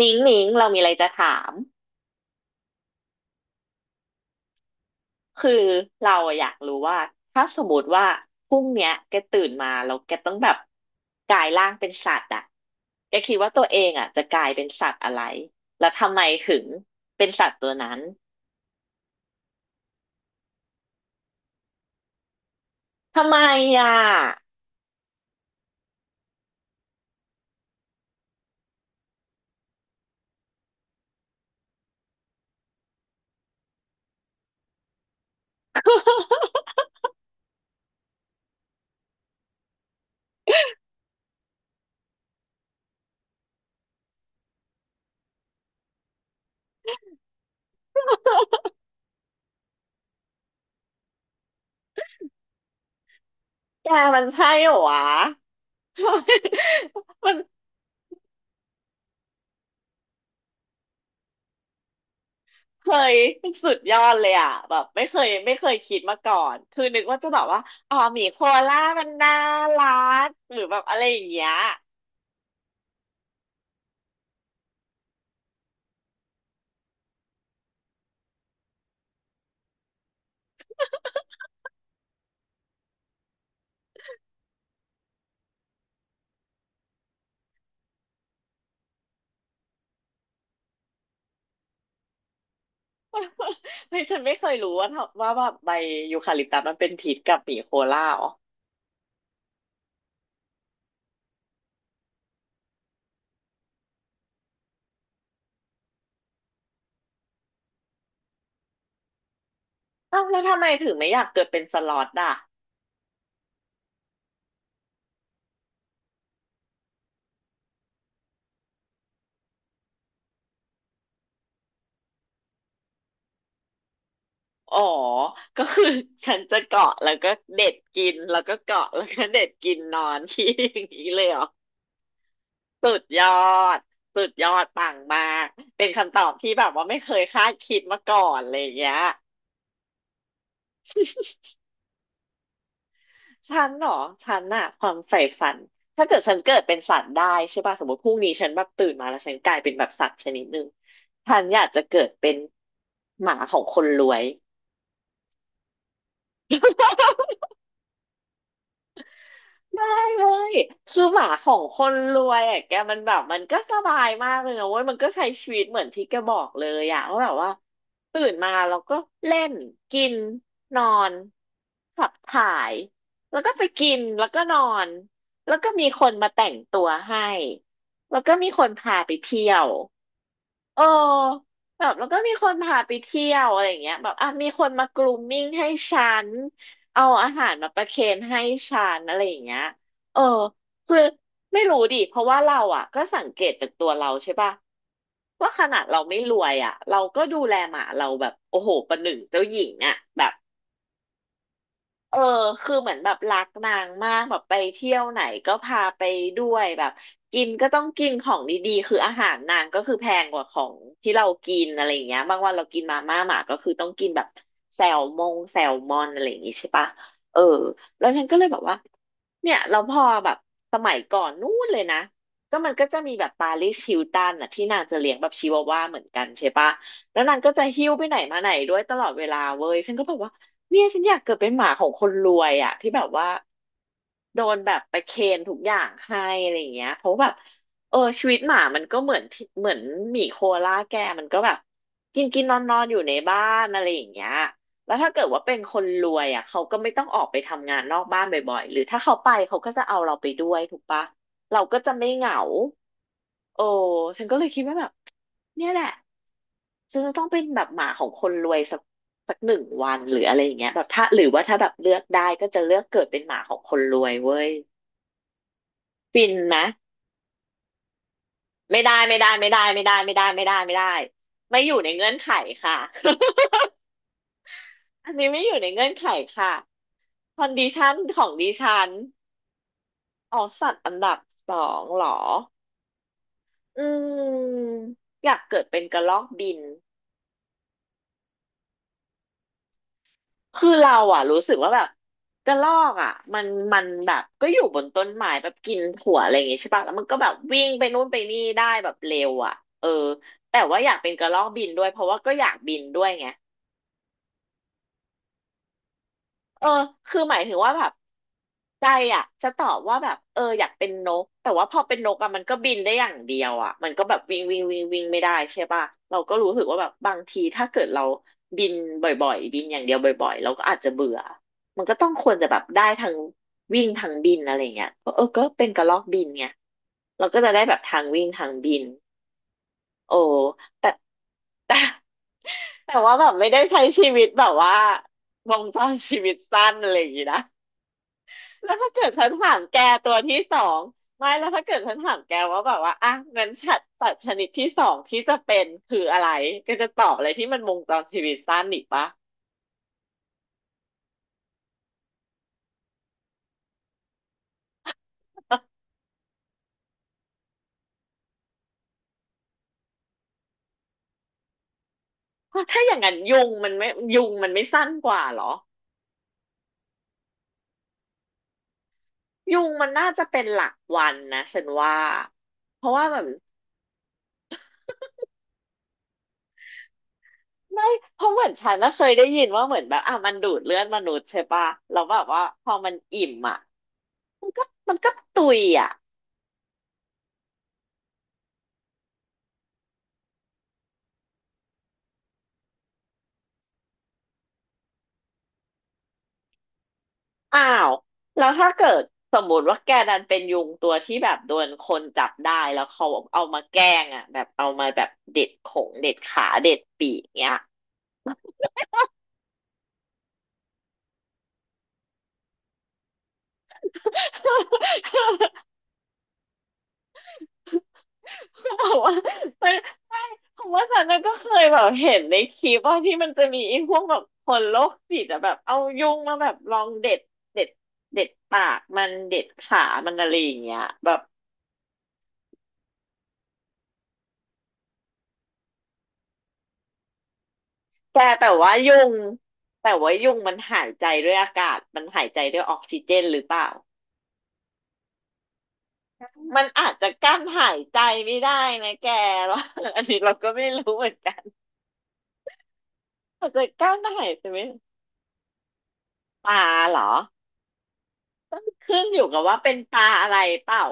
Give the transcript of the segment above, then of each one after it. นิ้งนิ้งเรามีอะไรจะถาม คือเราอะอยากรู้ว่าถ้าสมมติว่าพรุ่งเนี้ยแกตื่นมาแล้วแกต้องแบบกลายร่างเป็นสัตว์อะแกคิดว่าตัวเองอะจะกลายเป็นสัตว์อะไรแล้วทำไมถึงเป็นสัตว์ตัวนั้น ทำไมอะแกมันใช่เหรอวะ มันเคยสุดยอดเลยอะแบบไม่เคยคิดมาก่อนคือนึกว่าจะแบบว่าอ๋อหมีโคอาล่ามันน่ารักหรือแบบอะไรอย่างเงี้ย เฮ้ยฉันไม่เคยรู้ว่าแบบใบยูคาลิปตัสมันเป็นพิษกับหมีโคล่าอ๋ออ้าวแล้วทำไมถึงไม่อยากเกิดเป็นสล็อตอ่ะอ๋อก็คือฉันจะเกาะแล้วก็เด็ดกินแล้วก็เกาะแล้วก็เด็ดกินนอนที่ อย่างนี้เลยเหรอสุดยอดสุดยอดปังมากเป็นคำตอบที่แบบว่าไม่เคยคาดคิดมาก่อนเลยางเงี้ย ฉันเหรอฉันอะความใฝ่ฝันถ้าเกิดฉันเกิดเป็นสัตว์ได้ใช่ป่ะสมมติพรุ่งนี้ฉันแบบตื่นมาแล้วฉันกลายเป็นแบบสัตว์ชนิดหนึ่งฉันอยากจะเกิดเป็นหมาของคนรวย ได้เลยคือหมาของคนรวยอ่ะแกมันแบบมันก็สบายมากเลยนะเว้ยมันก็ใช้ชีวิตเหมือนที่แกบอกเลยอ่ะว่าแบบว่าตื่นมาเราก็เล่นกินนอนขับถ่ายแล้วก็ไปกินแล้วก็นอนแล้วก็มีคนมาแต่งตัวให้แล้วก็มีคนพาไปเที่ยว เออแบบแล้วก็มีคนพาไปเที่ยวอะไรอย่างเงี้ยแบบอ่ะมีคนมากรูมมิ่งให้ฉันเอาอาหารมาประเคนให้ฉันอะไรอย่างเงี้ยเออคือไม่รู้ดิเพราะว่าเราอ่ะก็สังเกตจากตัวเราใช่ป่ะว่าขนาดเราไม่รวยอ่ะเราก็ดูแลหมาเราแบบโอ้โหประหนึ่งเจ้าหญิงอ่ะแบบ เออ คือเหมือนแบบรักนางมากแบบไปเที่ยวไหนก็พาไปด้วยแบบกินก็ต้องกินของดีๆคืออาหารนางก็คือแพงกว่าของที่เรากินอะไรอย่างเงี้ยบางวันเรากินมาม่าหมาก็คือต้องกินแบบแซลมอนอะไรอย่างงี้ใช่ปะเออแล้วฉันก็เลยแบบว่า เนี่ยเราพอแบบสมัยก่อนนู้นเลยนะก็มันก็จะมีแบบปาริสฮิลตันน่ะที่นางจะเลี้ยงแบบชิวาว่าเหมือนกันใช่ปะแล้วนางก็จะหิ้วไปไหนมาไหนด้วยตลอดเวลาเว้ยฉันก็แบบว่าเนี่ยฉันอยากเกิดเป็นหมาของคนรวยอ่ะที่แบบว่าโดนแบบไปเคนทุกอย่างให้อะไรอย่างเงี้ยเพราะแบบเออชีวิตหมามันก็เหมือนที่เหมือนหมีโคอาล่าแกมันก็แบบกินกินนอนนอนอยู่ในบ้านอะไรอย่างเงี้ย แล้วถ้าเกิดว่าเป็นคนรวยอ่ะเขาก็ไม่ต้องออกไปทำงานนอกบ้านบ่อยๆหรือถ้าเขาไปเขาก็จะเอาเราไปด้วยถูกปะเราก็จะไม่เหงาโอ้ฉันก็เลยคิดว่าแบบเนี่ยแหละฉันจะต้องเป็นแบบหมาของคนรวยสัก1 วันหรืออะไรอย่างเงี้ยแบบถ้าหรือว่าถ้าแบบเลือกได้ก็จะเลือกเกิดเป็นหมาของคนรวยเว้ยฟินนะไม่ได้ไม่ได้ไม่ได้ไม่ได้ไม่ได้ไม่ได้ไม่ได้ไม่อยู่ในเงื่อนไขค่ะ อันนี้ไม่อยู่ในเงื่อนไขค่ะคอนดิชันของดิฉัน อ๋อสัตว์อันดับสองเหรออืมอยากเกิดเป็นกระรอกบิน คือเราอ่ะรู้สึกว่าแบบกระรอกอ่ะมันแบบก็อยู่บนต้นไม้แบบกินถั่วอะไรอย่างงี้ใช่ปะแล้วมันก็แบบวิ่งไปนู่นไปนี่ได้แบบเร็วอ่ะเออแต่ว่าอยากเป็นกระรอกบินด้วยเพราะว่าก็อยากบินด้วยไง เออคือหมายถึงว่าแบบใจอ่ะจะตอบว่าแบบเอออยากเป็นนกแต่ว่าพอเป็นนกอ่ะมันก็บินได้อย่างเดียวอ่ะมันก็แบบวิ่งวิ่งวิ่งวิ่งไม่ได้ใช่ป่ะเราก็รู้สึกว่าแบบบางทีถ้าเกิดเราบินบ่อยๆบินอย่างเดียวบ่อยๆเราก็อาจจะเบื่อมันก็ต้องควรจะแบบได้ทั้งวิ่งทั้งบินอะไรเงี้ยเออก็เป็นกระรอกบินไงเราก็จะได้แบบทางวิ่งทางบินโอ้แต่แต่แต่ว่าแบบไม่ได้ใช้ชีวิตแบบว่าวงจรชีวิตสั้นอะไรอย่างงี้นะ แล้วถ้าเกิดฉันถามแกตัวที่สองไม่แล้วถ้าเกิดฉันถามแกว่าแบบว่าอ่ะงั้นสัตว์ชนิดที่สองที่จะเป็นคืออะไรแกจะตอบอะไรที่มันวงจรชีวิตสั้นอีกปะเพราะถ้าอย่างนั้นยุงมันไม่สั้นกว่าเหรอยุงมันน่าจะเป็นหลักวันนะฉันว่าเพราะว่าแบบไม่เพราะเหมือนฉันน่ะเคยได้ยินว่าเหมือนแบบอ่ะมันดูดเลือดมนุษย์ใช่ปะแล้วแบบว่าพอมันอิ่มอ่ะมันก็มันก็ตุยอ่ะ อ้าวแล้วถ้าเกิดสมมติว่าแกดันเป็นยุงตัวที่แบบโดนคนจับได้แล้วเขาเอามาแกล้งอ่ะแบบเอามาแบบเด็ดขงเด็ดขาเด็ดปีกเงี้ย บอกว่ามันผมว่าฉันน่ะก็เคยแบบเห็นในคลิปว่าที่มันจะมีไอ้พวกแบบคนโรคจิตอะแบบเอายุงมาแบบลองเด็ดเด็ดปากมันเด็ดขามันอะไรอย่างเงี้ยแบบ แกแต่ว่ายุงมันหายใจด้วยอากาศมันหายใจด้วยออกซิเจนหรือเปล่ามันอาจจะกั้นหายใจไม่ได้นะแก ว่า อันนี้เราก็ไม่รู้เหมือนกันอาจจะกั้นหายใจไม่ได้ปลาเหรอต้องขึ้นอยู่กับว่าเป็นปลาอะไรเปล่า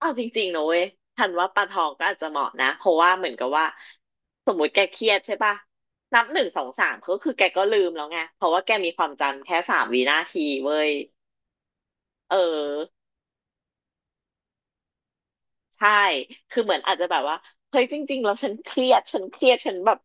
เอาจริงๆนะเว้ยทันว่าปลาทองก็อาจจะเหมาะนะเพราะว่าเหมือนกับว่าสมมติแกเครียดใช่ปะนับหนึ่งสองสามก็คือแกก็ลืมแล้วไงเพราะว่าแกมีความจำแค่3 วินาทีเว้ยเออ ใช่ คือเหมือนอาจจะแบบว่า เฮ้ยจริงๆแล้วฉันเครียด ฉันแบบ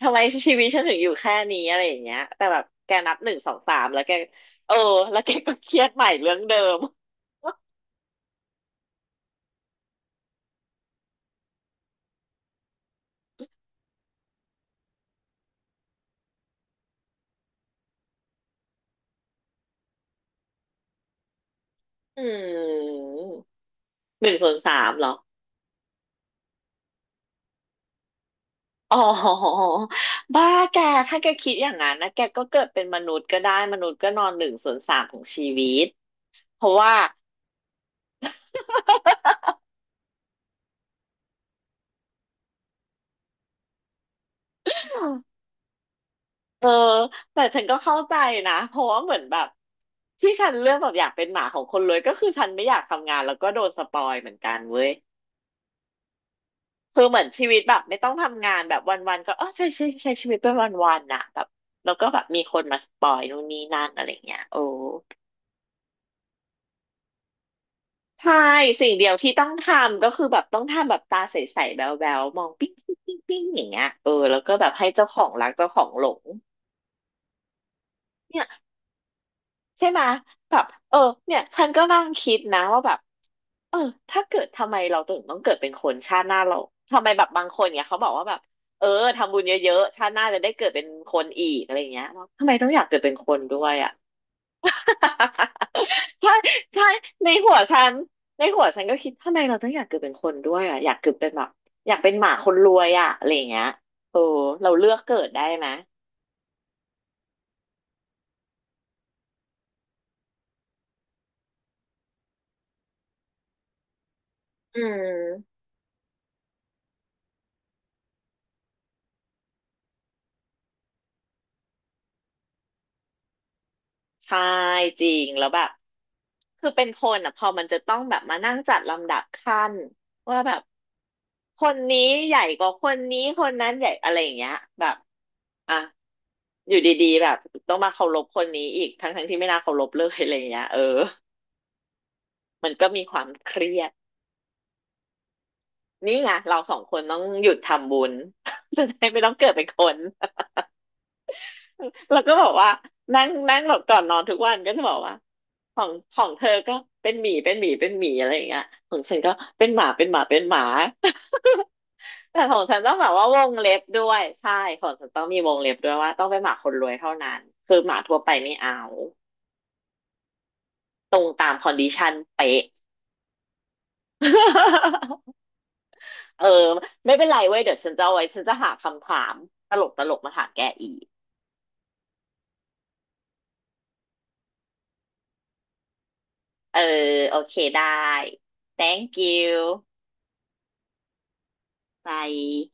ทำไมชีวิตฉันถึงอยู่แค่นี้อะไรอย่างเงี้ยแต่แบบแกนับหนึ่งสองสามแล้วแกเออแล้วแกก็เครียดใหม่เรื่องเดิม อืม1/3เหรอ อ๋อ บ้าแก ถ้าแกคิดอย่างนั้นนะแกก็เกิดเป็นมนุษย์ก็ได้ มนุษย์ก็นอน1/3ของชีวิต เพราะว่า เออแต่ฉันก็เข้าใจนะเพราะว่าเหมือนแบบที่ฉันเลือกแบบอยากเป็นหมาของคนรวยก็คือฉันไม่อยากทำงานแล้วก็โดนสปอยเหมือนกันเว้ยคือเหมือนชีวิตแบบไม่ต้องทำงานแบบวันๆก็เออใช่ใช้ชีวิตเป็นวันๆน่ะแบบแล้วก็แบบมีคนมาสปอยนู่นนี่นั่นอะไรเงี้ยโอ้ใช่สิ่งเดียวที่ต้องทำก็คือแบบต้องทำแบบตาใสๆแบ๊วๆมองปิ๊งปิ๊งปิ๊งปิ๊งอย่างเงี้ยเออแล้วก็แบบให้เจ้าของรักเจ้าของหลงเนี่ยใช่ไหมยแบบเออเนี่ยฉันก็นั่งคิดนะว่าแบบ เออถ้าเกิดทำไมเราถึงต้องเกิดเป็นคนชาติหน้าเราทำไมแบบบางคนเนี่ยเขาบอกว่าแบบเออทำบุญเยอะๆชาติหน้าจะได้เกิดเป็นคนอีกอะไรอย่างเงี้ยเราทำไมต้องอยากเกิดเป็นคนด้วยอ่ะ ใช่ใช่ในหัวฉันในหัวฉันก็คิดทำไมเราต้องอยากเกิดเป็นคนด้วยอ่ะอยากเกิดเป็นแบบอยากเป็นหมาคนรวยอ่ะอะไรอย่างเงี้ยเออเราเลือกเกิดได้ไหมอืมใช่จริงแล้วแบบ คือเป็นคนอ่ะพอมันจะต้องแบบมานั่งจัดลำดับขั้นว่าแบบคนนี้ใหญ่กว่าคนนี้คนนั้นใหญ่อะไรอย่างเงี้ยแบบอ่ะอยู่ดีๆแบบต้องมาเคารพคนนี้อีกทั้งๆที่ไม่น่าเคารพเลยอะไรอย่างเงี้ยเออมันก็มีความเครียดนี่ไงเราสองคนต้องหยุดทำบุญ จะได้ไม่ต้องเกิดเป็นคน แล้วก็บอกว่านั่งนั่งแบบก่อนนอนทุกวันก็จะบอกว่าของเธอก็เป็นหมีอะไรอย่างเงี้ยของฉันก็เป็นหมาเป็นหมาเป็นหมา แต่ของฉันต้องแบบว่าวงเล็บด้วยใช่ของฉันต้องมีวงเล็บด้วยว่าต้องเป็นหมาคนรวยเท่านั้นคือหมาทั่วไปไม่เอา เออไม่เป็นไรเว้ยเดี๋ยวฉันจะเอาไว้ฉันจะหาคำถามตลกมาถามแกอีกเออโอเคได้ thank you bye